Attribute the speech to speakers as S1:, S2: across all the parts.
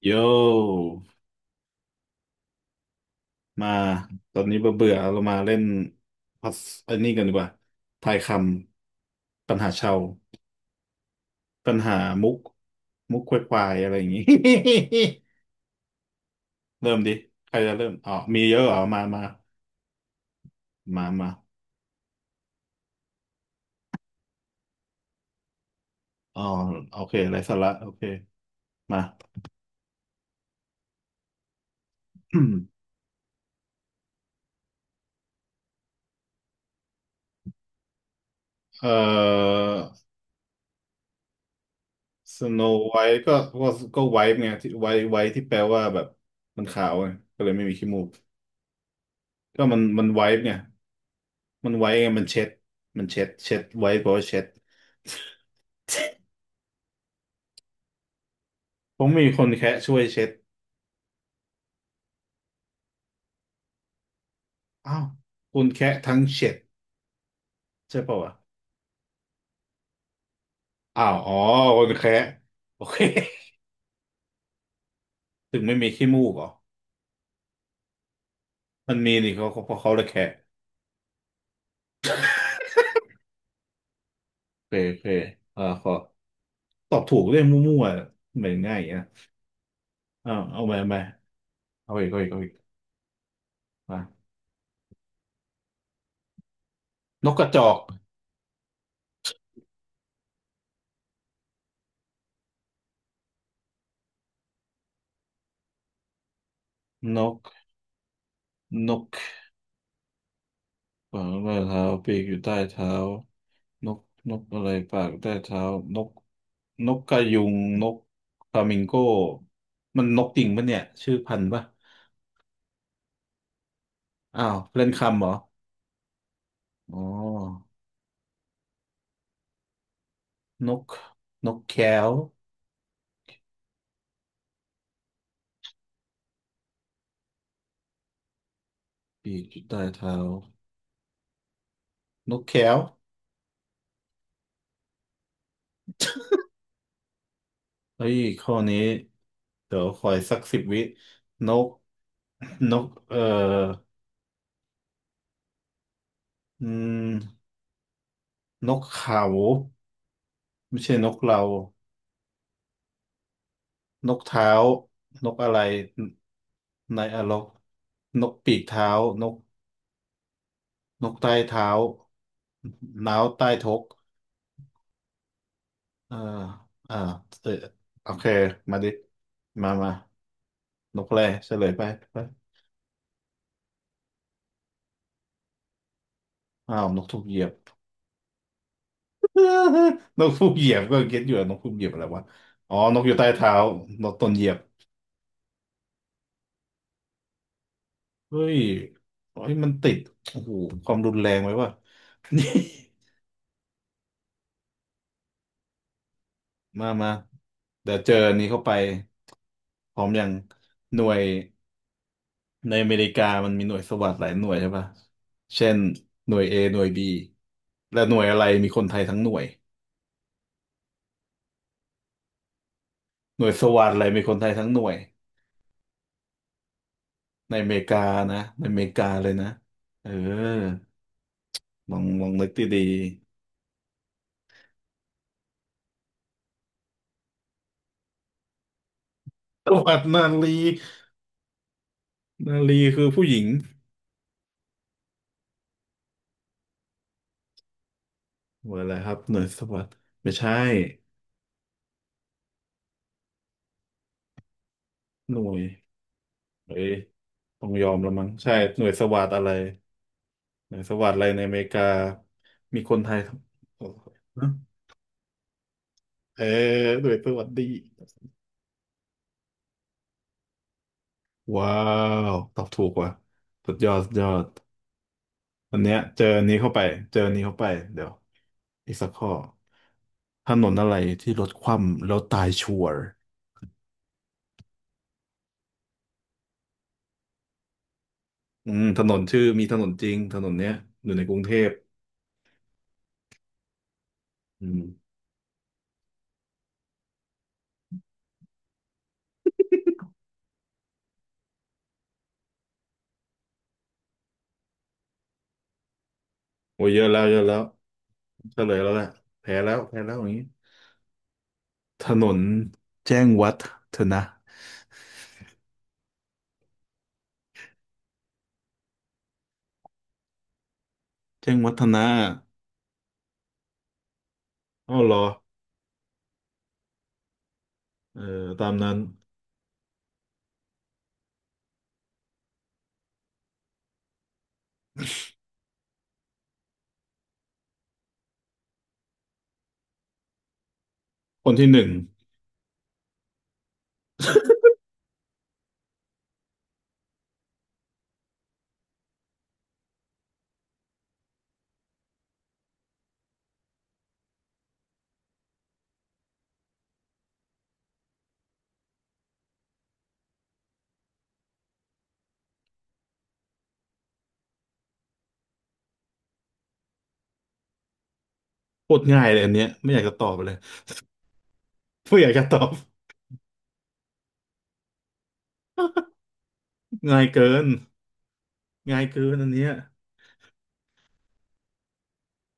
S1: โย มา ตอนนี้เบื่อเบื่อเรามาเล่นพัซอันนี้กันดีกว่า ทายคำปัญหาชาวปัญหามุก มุกควายๆอะไรอย่างงี้ เริ่มดิ ใครจะเริ่มอ๋อมีเยอะเหรอมามามามาอ๋อโอเคไรสาระโอเคมา เอ่อสโนไวท์ก็ก็ก็ไวท์ไงที่ไวท์ไวท์ที่แปลว่าแบบมันขาวไงก็เลยไม่มีขี้มูกก็มันไวท์ไง มันไว้ไงมันเช็ดมันเช็ดไว้เพราะว่าเช็ดผมมีคนแคะช่วยเช็ดอ้าวคุณแคะทั้งเช็ดใช่ป่าวะอ้าวอ๋อคนแคะโอเคถึงไม่มีขี้มูกเหรอมันมีนี่เขาเพราะเขาเลยแคะโอเคโอเคอ่าขอตอบถูกเรื่องมั่วๆเหมือนง่ายอย่างเงี้ยอ้าวเอาไปเอาไปเอาอีกเอาอีกเอาอีกมานกกระจอกนกนก ขวางใต้เท้าปีกอยู่ใต้เท้านกนกอะไรปากใต้เท้านกนกกระยุงนกฟลามิงโก้มันนกจริงปะเนี่ยชื่อพันธุ์ปะอ้าวเล่นคำเหรออ๋อนกนกแก้วปีกอยู่ใต้เท้านกแก้วเฮ้ยข้อนี้เดี๋ยวขออีกสักสิบวินกนกอืมนกเขาไม่ใช่นกเรา นกเท้า นกอะไร ในอรกนกปีกเท้า นกนกใต้เท้าน้าวใต้ทกเอออ่าเออโอเคมาดิ มามานกแร่เฉลยไปไปอ้าวนกถูกเหยียบ นกถูกเหยียบก็เก็ตอยู่อะนกถูกเหยียบอะไรวะ อ๋อนกอยู่ใต้เท้า นกตนเหยียบเฮ้ยเฮ้ยมันติดโอ้โหความรุนแรงไว้ว่ะ มามาเดี๋ยวเจออันนี้เข้าไปพร้อมอย่างหน่วยในอเมริกามันมีหน่วยสวัสดหลายหน่วยใช่ปะเช่นหน่วย A หน่วย B และหน่วยอะไรมีคนไทยทั้งหน่วยหน่วยสวัสดอะไรมีคนไทยทั้งหน่วยในอเมริกานะในอเมริกาเลยนะเออลองลองนึกดีๆสวัสดนารีนารีคือผู้หญิงหน่วยอะไรครับหน่วยสวัสดไม่ใช่หน่วยเอ้ยต้องยอมแล้วมั้งใช่หน่วยสวัสดอะไร หนังสวัสดอะไรในอเมริกามีคนไทยโอ้โหเออหน่วยสวัสดีว้าวตอบถูกว่ะสุดยอดสุดยอดวันเนี้ยเจออันนี้เข้าไปเจออันนี้เข้าไปเดี๋ยวอีกสักข้อถนนอะไรที่รถคว่ำแล้วตายชัวร์อืมถนนชื่อมีถนนจริงถนนเนี้ยอยู่ในกรุงเทพอืมโอ้ยเยอะแล้วเยอะแล้วเฉลยแล้วแหละแพ้แล้วแพ้แล้วอย่างนี้ถนนแจ้งวัฒนะแจ้งวัฒนะอ้าวเหรอ เออตามนั้นคนที่หนึ่งโคตรง่ายเลยอันเนี้ยไม่อยากจะตอบเลย ไม่อยากจะตอบง่ายเกินง่ายเกินอันเนี้ย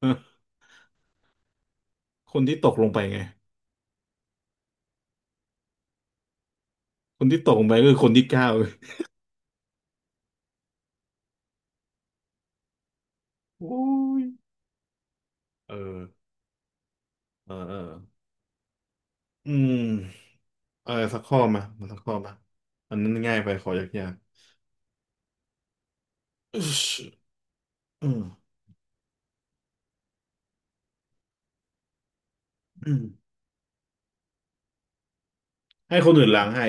S1: เออคนที่ตกลงไปไงคนที่ตกลงไปก็คือคนที่เก้าโอ้ยเออเออเอออืมเออสักข้อมามาสักข้อมาอันนั้นง่ายไปขอยากๆอึ๊ช อืมอืมให้คนอื่นล้างให้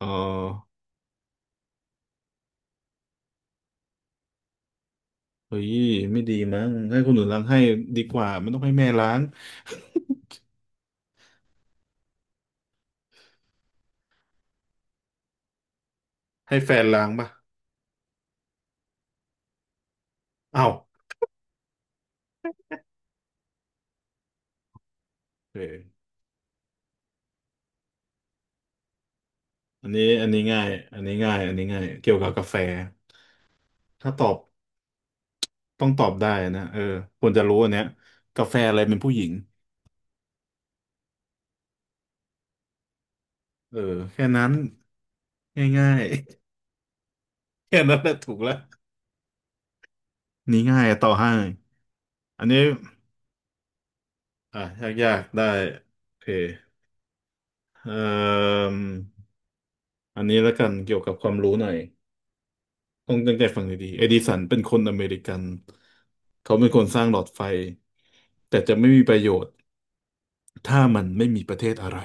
S1: อ๋อเฮ้ยไม่ดีมั้งให้คนอื่นล้างให้ดีกว่ามันต้องให้แม่ล้าง ให้แฟนล้างปะเอ้าโอเค อันนี้อันนี้ง่ายอันนี้ง่ายอันนี้ง่ายเกี่ยวกับกาแฟถ้าตอบต้องตอบได้นะเออควรจะรู้อันเนี้ยกาแฟอะไรเป็นผู้หญิงเออแค่นั้นง่ายๆ แค่นั้นแหละถูกแล้วนี่ง่ายต่อให้อันนี้อ่ะยากๆได้โอเคเอ่มอันนี้แล้วกันเกี่ยวกับความรู้หน่อยต้องตั้งใจฟังดีๆเอดิสันเป็นคนอเมริกันเขาเป็นคนสร้างหลอดไฟแต่จะไม่มีประโยชน์ถ้ามันไม่มีประเทศอะไร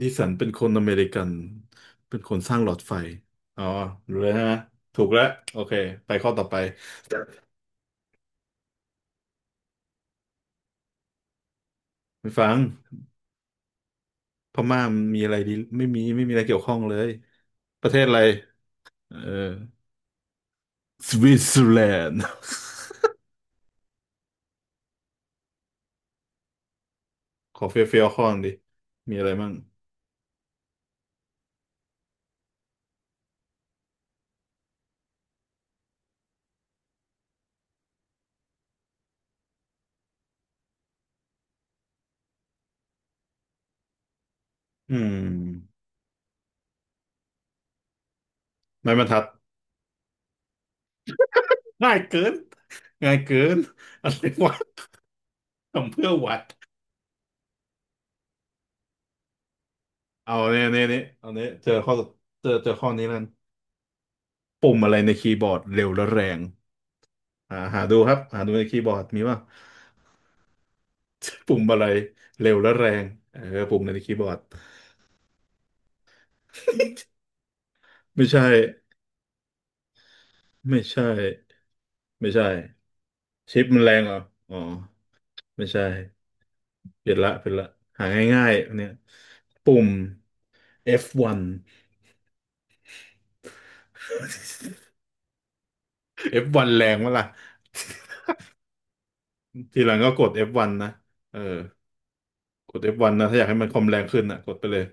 S1: ดิสันเป็นคนอเมริกัน เป็นคนสร้างหลอดไฟอ๋อรู้แล้วใช่ไหมถูกแล้วโอเคไปข้อต่อไป ไม่ฟังพม่ามันมีอะไรดี ไม่มีไม่มีอะไรเกี่ยวข้องเลยประเทศอะไรเออสวิตเซอร์แลนด์ ขอเฟี้ยวๆข้อหนึ่งดิมีอะไรมั่งอืมไม้บรรทัด ง่ายเกินง่ายเกินอะไรวะทำเพื่อวัด เอาเนี่ยเนี่ยเนี่ยเอาเนี่ยเจอข้อเจอเจอข้อนี้แล้วกันปุ่มอะไรในคีย์บอร์ดเร็วและแรง อ่าหาดูครับหาดูในคีย์บอร์ดมีว่าปุ่มอะไรเร็วและแรงเออปุ่มในคีย์บอร์ดไม่ใช่ไม่ใช่ไม่ใช่ชิปมันแรงเหรออ๋อไม่ใช่เปลี่ยนละเปลี่ยนละหาง่ายๆอันเนี้ยปุ่ม F1 F1 แรงมั้ล่ะทีหลังก็กด F1 นนะเออกด F1 นนะถ้าอยากให้มันคอมแรงขึ้นอ่ะกดไปเลย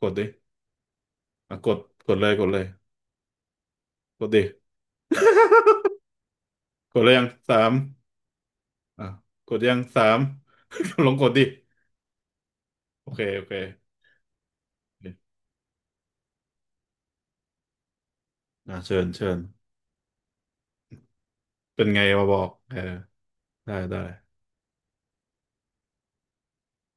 S1: กดดิอ่ะกดกดเลยกดเลยกดดิ กดเลยยังสาม อ่ะกดยังสาม ลองกดดิโอเคโอเคอ่ะเชิญเชิญเป็นไงมาบอกเออได้ได้